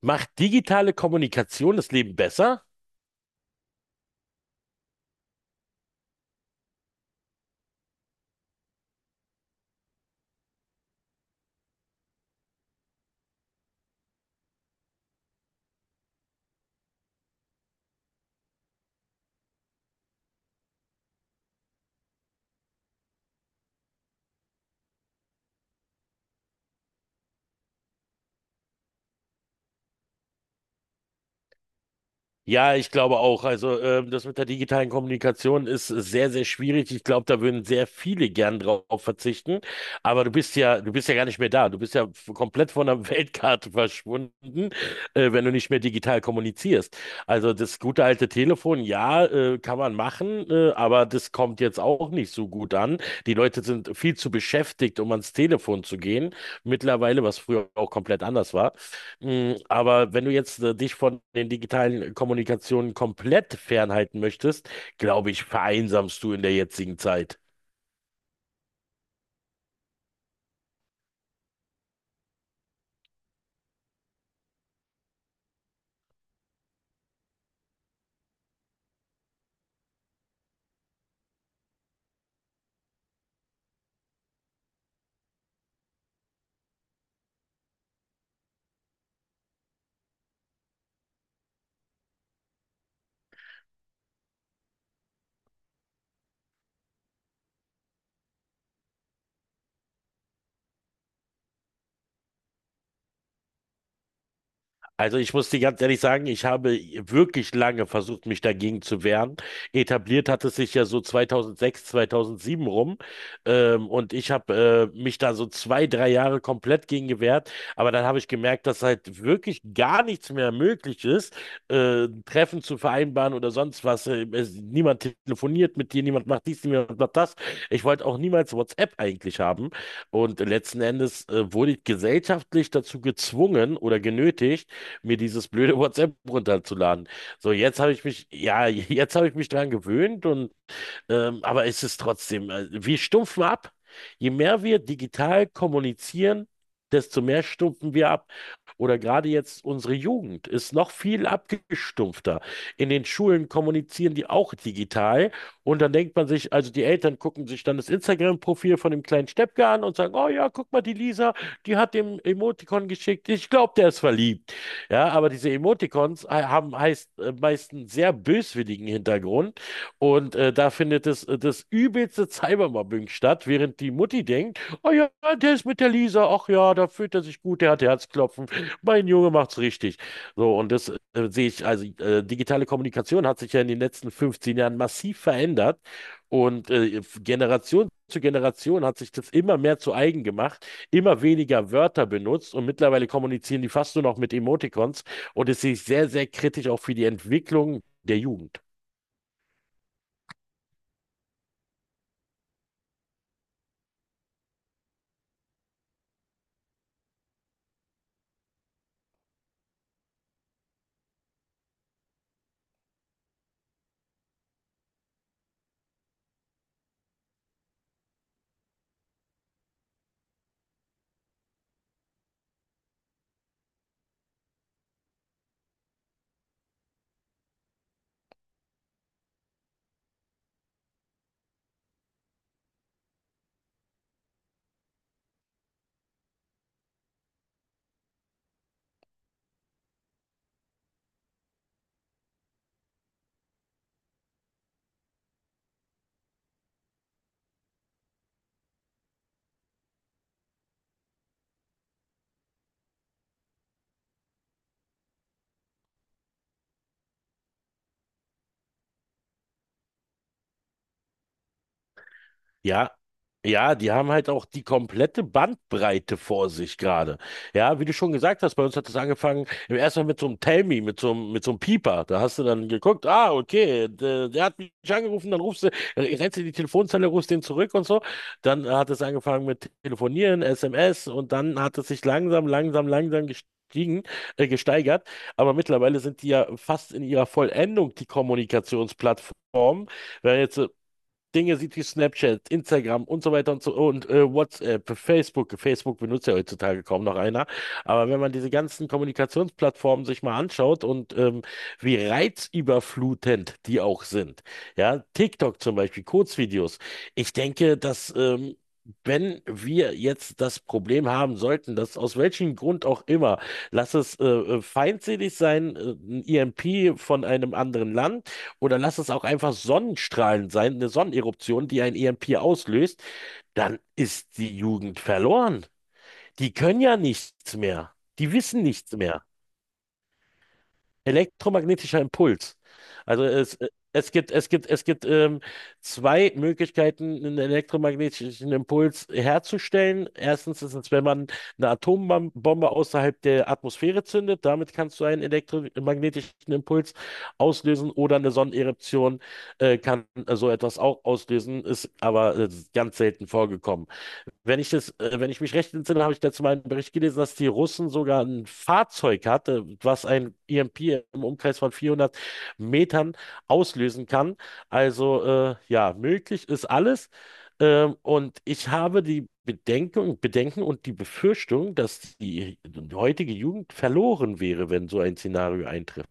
Macht digitale Kommunikation das Leben besser? Ja, ich glaube auch. Also das mit der digitalen Kommunikation ist sehr, sehr schwierig. Ich glaube, da würden sehr viele gern drauf verzichten. Aber du bist ja gar nicht mehr da. Du bist ja komplett von der Weltkarte verschwunden, wenn du nicht mehr digital kommunizierst. Also das gute alte Telefon, ja, kann man machen, aber das kommt jetzt auch nicht so gut an. Die Leute sind viel zu beschäftigt, um ans Telefon zu gehen. Mittlerweile, was früher auch komplett anders war. Aber wenn du jetzt dich von den digitalen Kommunikationen komplett fernhalten möchtest, glaube ich, vereinsamst du in der jetzigen Zeit. Also ich muss dir ganz ehrlich sagen, ich habe wirklich lange versucht, mich dagegen zu wehren. Etabliert hat es sich ja so 2006, 2007 rum. Und ich habe mich da so zwei, drei Jahre komplett gegen gewehrt. Aber dann habe ich gemerkt, dass halt wirklich gar nichts mehr möglich ist, Treffen zu vereinbaren oder sonst was. Niemand telefoniert mit dir, niemand macht dies, niemand macht das. Ich wollte auch niemals WhatsApp eigentlich haben. Und letzten Endes wurde ich gesellschaftlich dazu gezwungen oder genötigt, mir dieses blöde WhatsApp runterzuladen. So, jetzt habe ich mich, ja, jetzt habe ich mich dran gewöhnt und aber es ist trotzdem, wir stumpfen ab. Je mehr wir digital kommunizieren, desto mehr stumpfen wir ab. Oder gerade jetzt unsere Jugend ist noch viel abgestumpfter. In den Schulen kommunizieren die auch digital. Und dann denkt man sich, also die Eltern gucken sich dann das Instagram-Profil von dem kleinen Steppke an und sagen, oh ja, guck mal, die Lisa, die hat dem Emoticon geschickt. Ich glaube, der ist verliebt. Ja, aber diese Emoticons haben heißt, meist einen sehr böswilligen Hintergrund. Und da findet das übelste Cybermobbing statt, während die Mutti denkt, oh ja, der ist mit der Lisa, ach ja, da fühlt er sich gut, der hat Herzklopfen, mein Junge macht's richtig. So, und das sehe ich, digitale Kommunikation hat sich ja in den letzten 15 Jahren massiv verändert und Generation zu Generation hat sich das immer mehr zu eigen gemacht, immer weniger Wörter benutzt und mittlerweile kommunizieren die fast nur noch mit Emoticons und das sehe ich sehr, sehr kritisch auch für die Entwicklung der Jugend. Ja, Ja, die haben halt auch die komplette Bandbreite vor sich gerade. Ja, wie du schon gesagt hast, bei uns hat es angefangen im ersten Mal mit so einem Tell Me, mit mit so einem Pieper. Da hast du dann geguckt, ah, okay, der hat mich angerufen, rennst du in die Telefonzelle, rufst den zurück und so. Dann hat es angefangen mit Telefonieren, SMS und dann hat es sich langsam, langsam, langsam gestiegen, gesteigert. Aber mittlerweile sind die ja fast in ihrer Vollendung die Kommunikationsplattform. Wenn jetzt Dinge sieht wie Snapchat, Instagram und so weiter und so und WhatsApp, Facebook. Facebook benutzt ja heutzutage kaum noch einer. Aber wenn man diese ganzen Kommunikationsplattformen sich mal anschaut und wie reizüberflutend die auch sind, ja, TikTok zum Beispiel, Kurzvideos. Ich denke, dass, wenn wir jetzt das Problem haben sollten, dass aus welchem Grund auch immer, lass es feindselig sein, ein EMP von einem anderen Land, oder lass es auch einfach Sonnenstrahlen sein, eine Sonneneruption, die ein EMP auslöst, dann ist die Jugend verloren. Die können ja nichts mehr. Die wissen nichts mehr. Elektromagnetischer Impuls. Also es gibt zwei Möglichkeiten, einen elektromagnetischen Impuls herzustellen. Erstens ist es, wenn man eine Atombombe außerhalb der Atmosphäre zündet, damit kannst du einen elektromagnetischen Impuls auslösen oder eine Sonneneruption kann so etwas auch auslösen, ist aber ganz selten vorgekommen. Wenn ich mich recht entsinne, habe ich dazu mal einen Bericht gelesen, dass die Russen sogar ein Fahrzeug hatte, was ein EMP im Umkreis von 400 Metern auslösen kann. Also ja, möglich ist alles. Und ich habe die Bedenken und die Befürchtung, dass die heutige Jugend verloren wäre, wenn so ein Szenario eintrifft.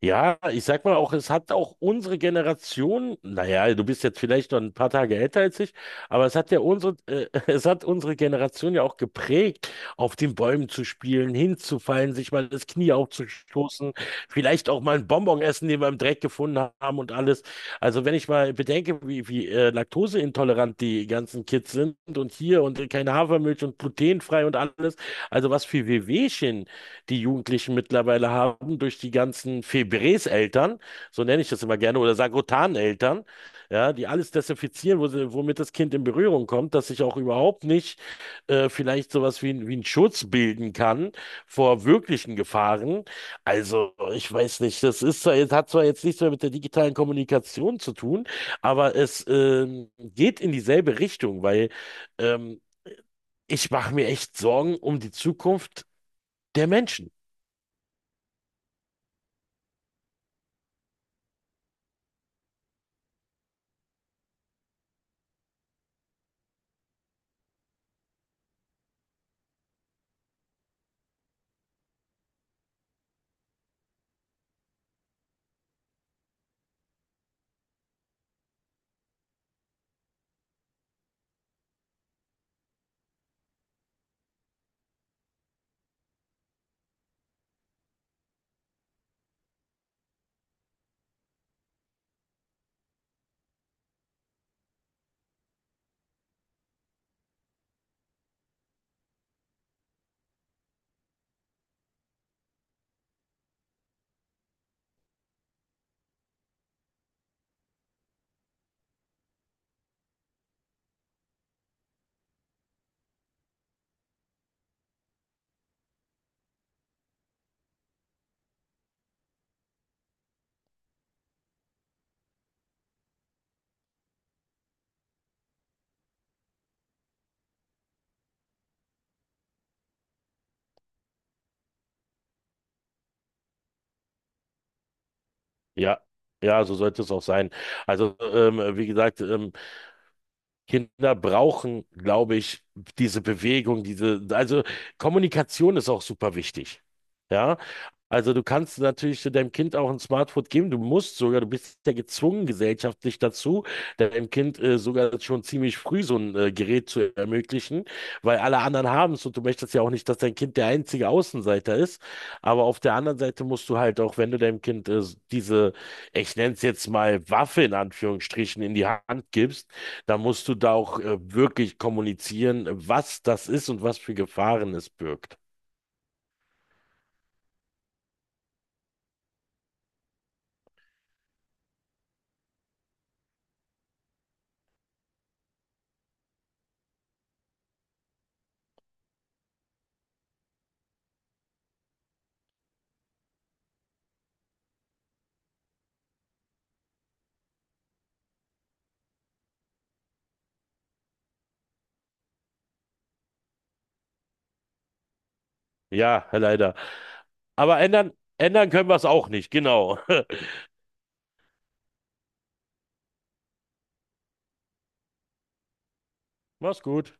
Ja, ich sag mal auch, es hat auch unsere Generation, naja, du bist jetzt vielleicht noch ein paar Tage älter als ich, aber es hat ja es hat unsere Generation ja auch geprägt, auf den Bäumen zu spielen, hinzufallen, sich mal das Knie aufzustoßen, vielleicht auch mal einen Bonbon essen, den wir im Dreck gefunden haben und alles. Also wenn ich mal bedenke, wie laktoseintolerant die ganzen Kids sind und hier und keine Hafermilch und glutenfrei und alles, also was für Wehwehchen die Jugendlichen mittlerweile haben durch die ganzen Febrés-Eltern, so nenne ich das immer gerne, oder Sagrotan-Eltern, ja, die alles desinfizieren, wo sie, womit das Kind in Berührung kommt, dass sich auch überhaupt nicht vielleicht sowas wie, wie ein Schutz bilden kann vor wirklichen Gefahren. Also, ich weiß nicht, das ist zwar, hat zwar jetzt nichts mehr mit der digitalen Kommunikation zu tun, aber es geht in dieselbe Richtung, weil ähm, ich mache mir echt Sorgen um die Zukunft der Menschen. Ja, ja, so sollte es auch sein. Also, wie gesagt, Kinder brauchen, glaube ich, diese Bewegung, diese, also Kommunikation ist auch super wichtig. Ja, also du kannst natürlich so deinem Kind auch ein Smartphone geben, du musst sogar, du bist ja gezwungen gesellschaftlich dazu, deinem Kind sogar schon ziemlich früh so ein Gerät zu ermöglichen, weil alle anderen haben es und du möchtest ja auch nicht, dass dein Kind der einzige Außenseiter ist. Aber auf der anderen Seite musst du halt auch, wenn du deinem Kind diese, ich nenne es jetzt mal Waffe in Anführungsstrichen, in die Hand gibst, da musst du da auch wirklich kommunizieren, was das ist und was für Gefahren es birgt. Ja, leider. Aber ändern, ändern können wir es auch nicht, genau. Mach's gut.